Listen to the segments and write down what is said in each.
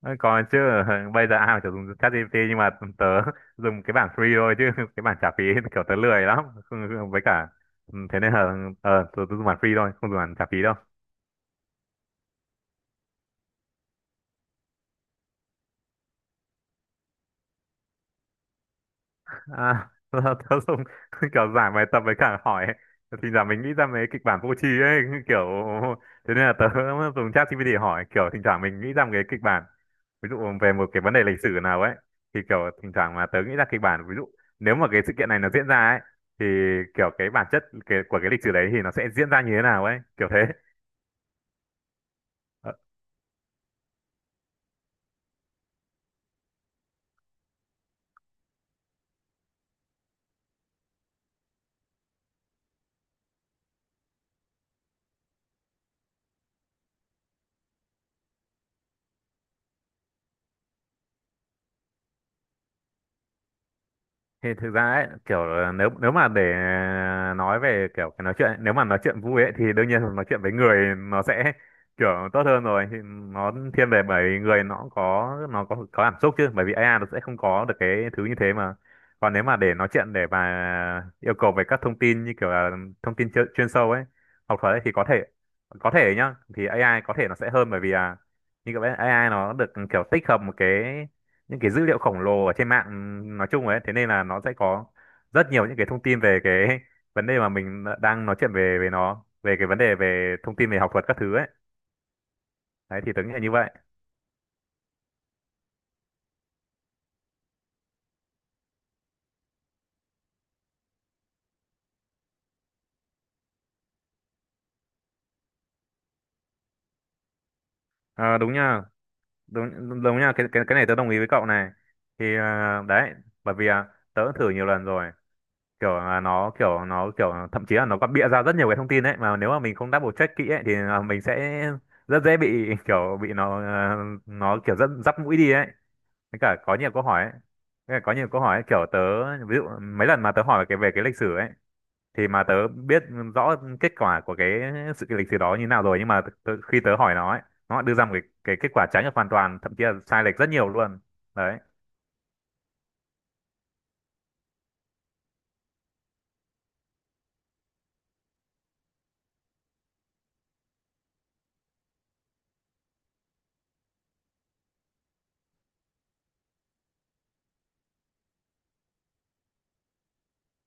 Ôi, có chứ, bây giờ ai mà chả dùng ChatGPT, nhưng mà tớ dùng cái bản free thôi chứ cái bản trả phí, kiểu tớ lười lắm. Với cả ừ, thế nên là tớ dùng bản free thôi, không dùng bản trả phí đâu. À, là tớ dùng kiểu giải bài tập với cả hỏi, thì là mình nghĩ ra mấy kịch bản vô tri ấy, kiểu thế nên là tớ dùng chat ChatGPT để hỏi, kiểu thỉnh thoảng mình nghĩ ra một cái kịch bản ví dụ về một cái vấn đề lịch sử nào ấy, thì kiểu thỉnh thoảng mà tớ nghĩ ra kịch bản ví dụ nếu mà cái sự kiện này nó diễn ra ấy, thì kiểu cái bản chất của cái lịch sử đấy thì nó sẽ diễn ra như thế nào ấy, kiểu thế. Ờ. Thì thực ra ấy, kiểu nếu nếu mà để nói về kiểu cái nói chuyện ấy, nếu mà nói chuyện vui ấy thì đương nhiên là nói chuyện với người nó sẽ kiểu tốt hơn rồi, thì nó thiên về bởi vì người nó cũng có, nó có cảm xúc chứ, bởi vì AI nó sẽ không có được cái thứ như thế mà. Còn nếu mà để nói chuyện để mà yêu cầu về các thông tin như kiểu là thông tin chuyên sâu ấy, học thuật ấy, thì có thể, có thể nhá, thì AI có thể nó sẽ hơn, bởi vì là như các bạn AI nó được kiểu tích hợp một cái những cái dữ liệu khổng lồ ở trên mạng nói chung ấy, thế nên là nó sẽ có rất nhiều những cái thông tin về cái vấn đề mà mình đang nói chuyện về về nó, về cái vấn đề về thông tin về học thuật các thứ ấy. Đấy, thì tớ nghĩ là như vậy. Ờ, đúng nha. Đúng, đúng nha, cái này tớ đồng ý với cậu này. Thì đấy, bởi vì tớ cũng thử nhiều lần rồi, kiểu là nó kiểu thậm chí là nó còn bịa ra rất nhiều cái thông tin đấy, mà nếu mà mình không double check kỹ ấy thì là mình sẽ rất dễ bị, kiểu bị nó kiểu rất dắp mũi đi ấy, với cả có nhiều câu hỏi ấy. Với cả có nhiều câu hỏi ấy, kiểu tớ ví dụ mấy lần mà tớ hỏi về cái lịch sử ấy, thì mà tớ biết rõ kết quả của cái lịch sử đó như nào rồi, nhưng mà khi tớ hỏi nó ấy, nó đưa ra cái kết quả trái ngược hoàn toàn, thậm chí là sai lệch rất nhiều luôn đấy.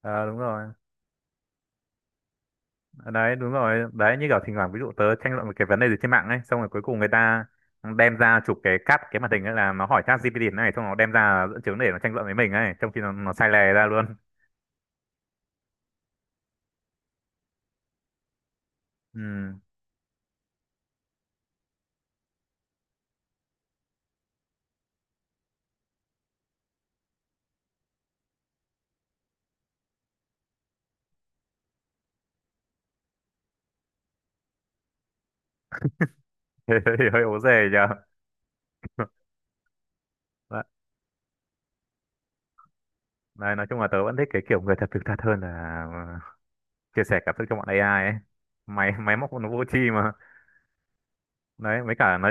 Ờ, đúng rồi, đấy đúng rồi đấy, như kiểu thỉnh thoảng ví dụ tớ tranh luận một cái vấn đề gì trên mạng ấy, xong rồi cuối cùng người ta đem ra chụp cắt cái màn hình ấy, là nó hỏi chat GPT này, xong nó đem ra dẫn chứng để nó tranh luận với mình ấy, trong khi nó sai lè ra luôn. Ừ. Hơi hơi ố dề nhờ. Đấy, nói chung là tớ vẫn thích cái kiểu người thật thực thật hơn là ờ, chia sẻ cảm xúc cho bọn AI ấy. Máy máy móc nó vô tri mà. Đấy, với cả nó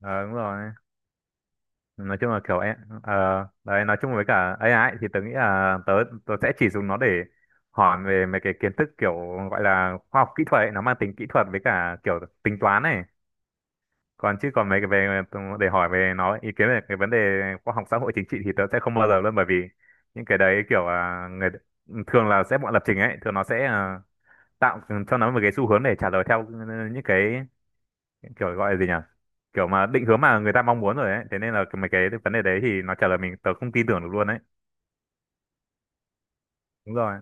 ờ, đúng rồi. Nói chung là kiểu ấy, ờ, đấy nói chung với cả AI ấy, thì tớ nghĩ là tớ tớ sẽ chỉ dùng nó để hỏi về mấy cái kiến thức kiểu gọi là khoa học kỹ thuật ấy, nó mang tính kỹ thuật với cả kiểu tính toán này. Còn, chứ còn mấy cái về để hỏi về nó ý kiến về cái vấn đề khoa học xã hội chính trị thì tớ sẽ không bao giờ luôn, bởi vì những cái đấy kiểu người thường là sẽ bọn lập trình ấy, thường nó sẽ tạo cho nó một cái xu hướng để trả lời theo những cái kiểu gọi là gì nhỉ, kiểu mà định hướng mà người ta mong muốn rồi ấy, thế nên là mấy cái vấn đề đấy thì nó trả lời mình tớ không tin tưởng được luôn đấy. Đúng rồi,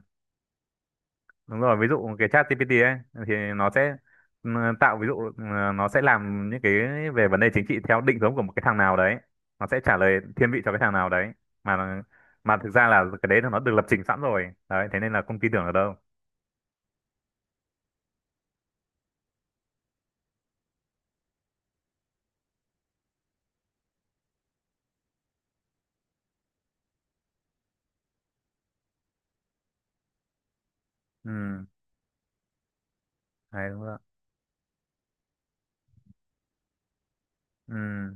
đúng rồi, ví dụ cái chat GPT ấy thì nó sẽ, ừ, tạo ví dụ, nó sẽ làm những cái về vấn đề chính trị theo định hướng của một cái thằng nào đấy, nó sẽ trả lời thiên vị cho cái thằng nào đấy, mà nó- mà thực ra là cái đấy là nó được lập trình sẵn rồi đấy, thế nên là không tin tưởng ở đâu. Ừ, đấy đúng rồi. Ừ.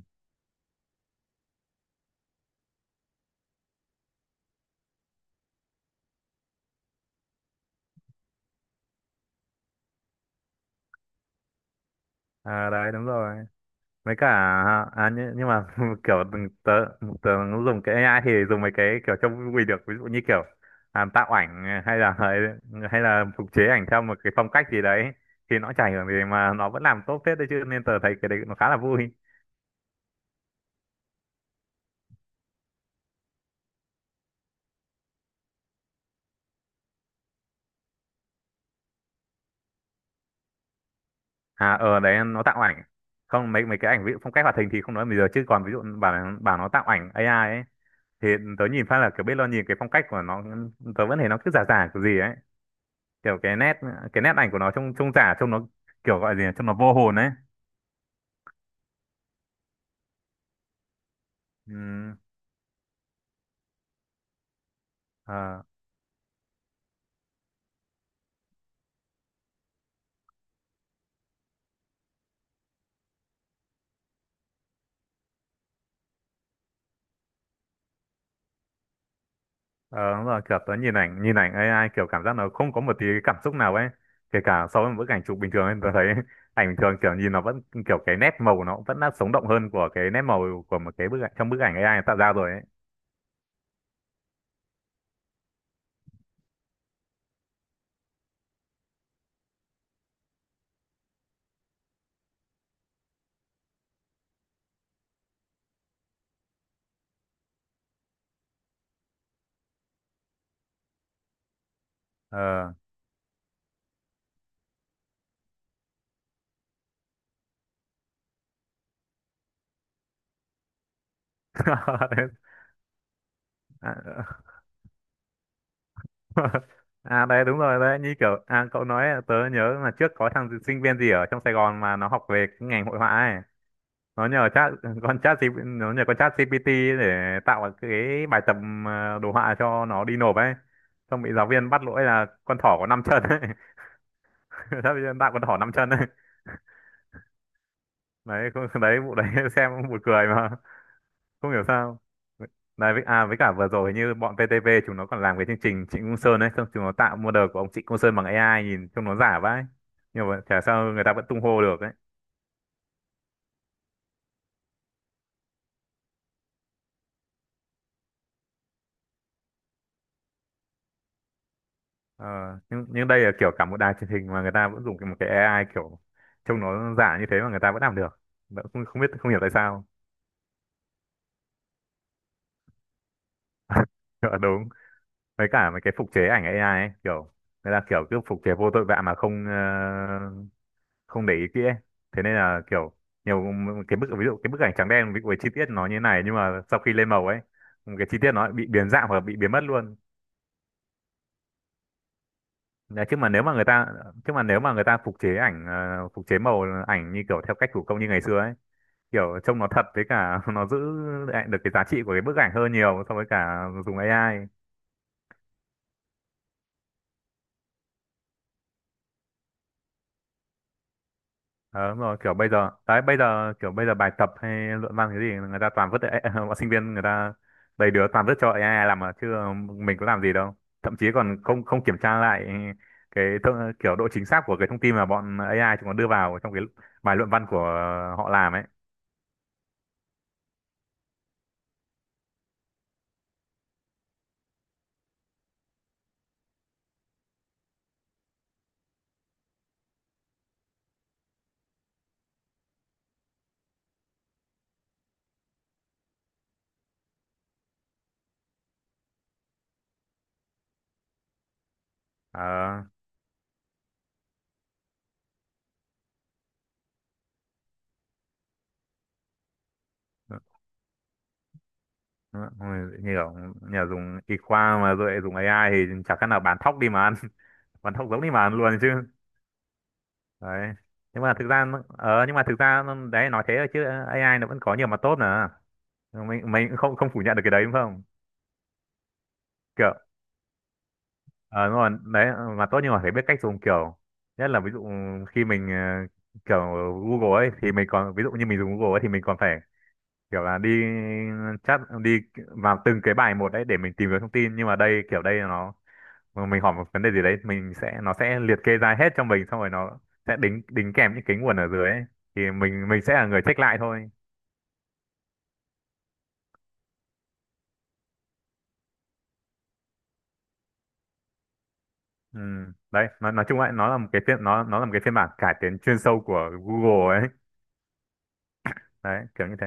À, đấy đúng rồi, mấy cả à nhưng mà kiểu tớ dùng cái AI thì dùng mấy cái kiểu trông vui được, ví dụ như kiểu tạo ảnh, hay là phục chế ảnh theo một cái phong cách gì đấy, thì nó chả ảnh hưởng gì mà nó vẫn làm tốt phết đấy chứ, nên tớ thấy cái đấy nó khá là vui. À, ở đấy nó tạo ảnh. Không, mấy mấy cái ảnh ví dụ phong cách hoạt hình thì không nói, bây giờ chứ còn ví dụ bảo nó tạo ảnh AI ấy, thì tớ nhìn phát là kiểu biết, lo nhìn cái phong cách của nó tớ vẫn thấy nó cứ giả giả kiểu gì ấy, kiểu cái nét ảnh của nó trông trông giả, trông nó kiểu gọi gì nhỉ? Trông nó vô hồn ấy. Ừ, ờ, ờ, đúng rồi, kiểu tớ nhìn ảnh AI kiểu cảm giác nó không có một tí cái cảm xúc nào ấy, kể cả so với một bức ảnh chụp bình thường ấy, tớ thấy ảnh bình thường kiểu nhìn nó vẫn kiểu cái nét màu của nó vẫn đã sống động hơn của cái nét màu của một cái bức ảnh, trong bức ảnh AI tạo ra rồi ấy. Ờ. À, ờ. À, đấy đúng rồi đấy, như kiểu, à cậu nói tớ nhớ là trước có thằng sinh viên gì ở trong Sài Gòn mà nó học về cái ngành hội họa ấy, nó nhờ chat nó nhờ con chat GPT để tạo cái bài tập đồ họa cho nó đi nộp ấy, xong bị giáo viên bắt lỗi là con thỏ có năm chân ấy. Giáo viên tạo con thỏ năm chân ấy. Đấy, đấy vụ đấy xem cũng buồn cười mà, không hiểu sao. Đấy với, với cả vừa rồi như bọn VTV chúng nó còn làm cái chương trình Trịnh Công Sơn ấy, xong chúng nó tạo model của ông Trịnh Công Sơn bằng AI, nhìn trông nó giả vãi, nhưng mà chả sao, người ta vẫn tung hô được ấy. Ờ, nhưng đây là kiểu cả một đài truyền hình mà người ta vẫn dùng một cái AI kiểu trông nó giả như thế, mà người ta vẫn làm được. Không biết, không hiểu tại sao. Ờ, đúng. Với cả mấy cái phục chế ảnh AI ấy, kiểu người ta kiểu cứ phục chế vô tội vạ mà không, không để ý kỹ ấy. Thế nên là kiểu nhiều cái bức, ví dụ cái bức ảnh trắng đen với chi tiết nó như này, nhưng mà sau khi lên màu ấy, một cái chi tiết nó bị biến dạng hoặc là bị biến mất luôn. Đấy, chứ mà nếu mà người ta phục chế ảnh, phục chế màu ảnh như kiểu theo cách thủ công như ngày xưa ấy, kiểu trông nó thật, với cả nó giữ lại được cái giá trị của cái bức ảnh hơn nhiều so với cả dùng AI. Ờ, đúng rồi, kiểu bây giờ đấy, bây giờ bài tập hay luận văn cái gì người ta toàn vứt AI, bọn sinh viên người ta đầy đứa toàn vứt cho AI làm mà chứ mình có làm gì đâu, thậm chí còn không không kiểm tra lại kiểu độ chính xác của cái thông tin mà bọn AI chúng nó đưa vào trong cái bài luận văn của họ làm ấy. Ờ. Ôi, như kiểu như là dùng y khoa mà rồi lại dùng AI thì chả khác nào bán thóc đi mà ăn, vẫn không giống đi mà luôn chứ đấy. Nhưng mà đấy nói thế thôi chứ AI nó vẫn có nhiều mặt tốt nữa, mình cũng không không phủ nhận được cái đấy đúng không. Kiểu ờ đúng rồi đấy, mặt tốt nhưng mà phải biết cách dùng, kiểu nhất là ví dụ khi mình, kiểu Google ấy thì mình còn, ví dụ như mình dùng Google ấy thì mình còn phải kiểu là đi chat đi vào từng cái bài một đấy để mình tìm kiếm thông tin, nhưng mà đây kiểu đây là nó, mà mình hỏi một vấn đề gì đấy mình sẽ, nó sẽ liệt kê ra hết cho mình, xong rồi nó sẽ đính đính kèm những cái nguồn ở dưới ấy. Thì mình sẽ là người check lại thôi. Ừ. Đấy, nói chung lại nó là một cái phiên, nó là một cái phiên bản cải tiến chuyên sâu của Google ấy. Đấy, kiểu như thế.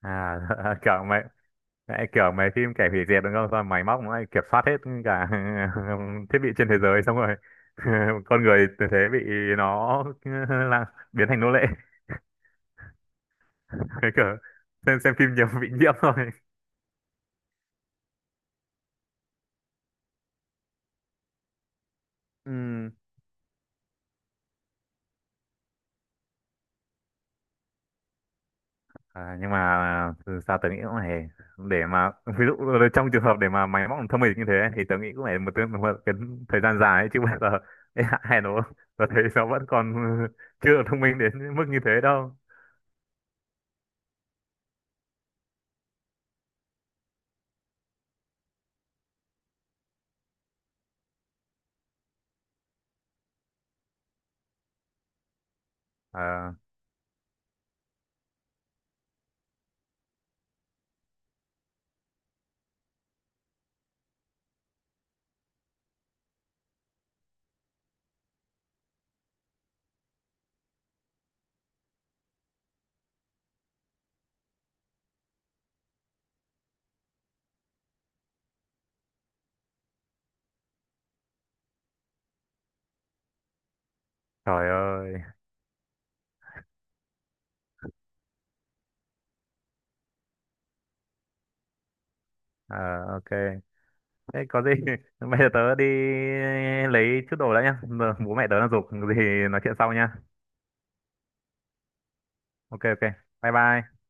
À, kiểu mày, đấy kiểu mấy phim kẻ hủy diệt đúng không? Xong rồi máy móc nó lại kiểm soát hết cả thiết bị trên thế giới, xong rồi con người từ thế bị nó là biến thành nô lệ. Cái kiểu xem phim nhiều bị nhiễm thôi. Ừm. À, nhưng mà từ sao tớ nghĩ cũng này, để mà ví dụ trong trường hợp để mà máy móc thông minh như thế ấy, thì tớ nghĩ cũng phải một cái thời gian dài ấy, chứ bây giờ ê, hay nó tớ thấy nó vẫn còn chưa thông minh đến mức như thế đâu. À, trời ơi. À, ok, thế có gì bây giờ tớ đi lấy chút đồ đã nhá, giờ bố mẹ tớ đang giục gì. Nói chuyện sau nhá. Ok ok, bye bye.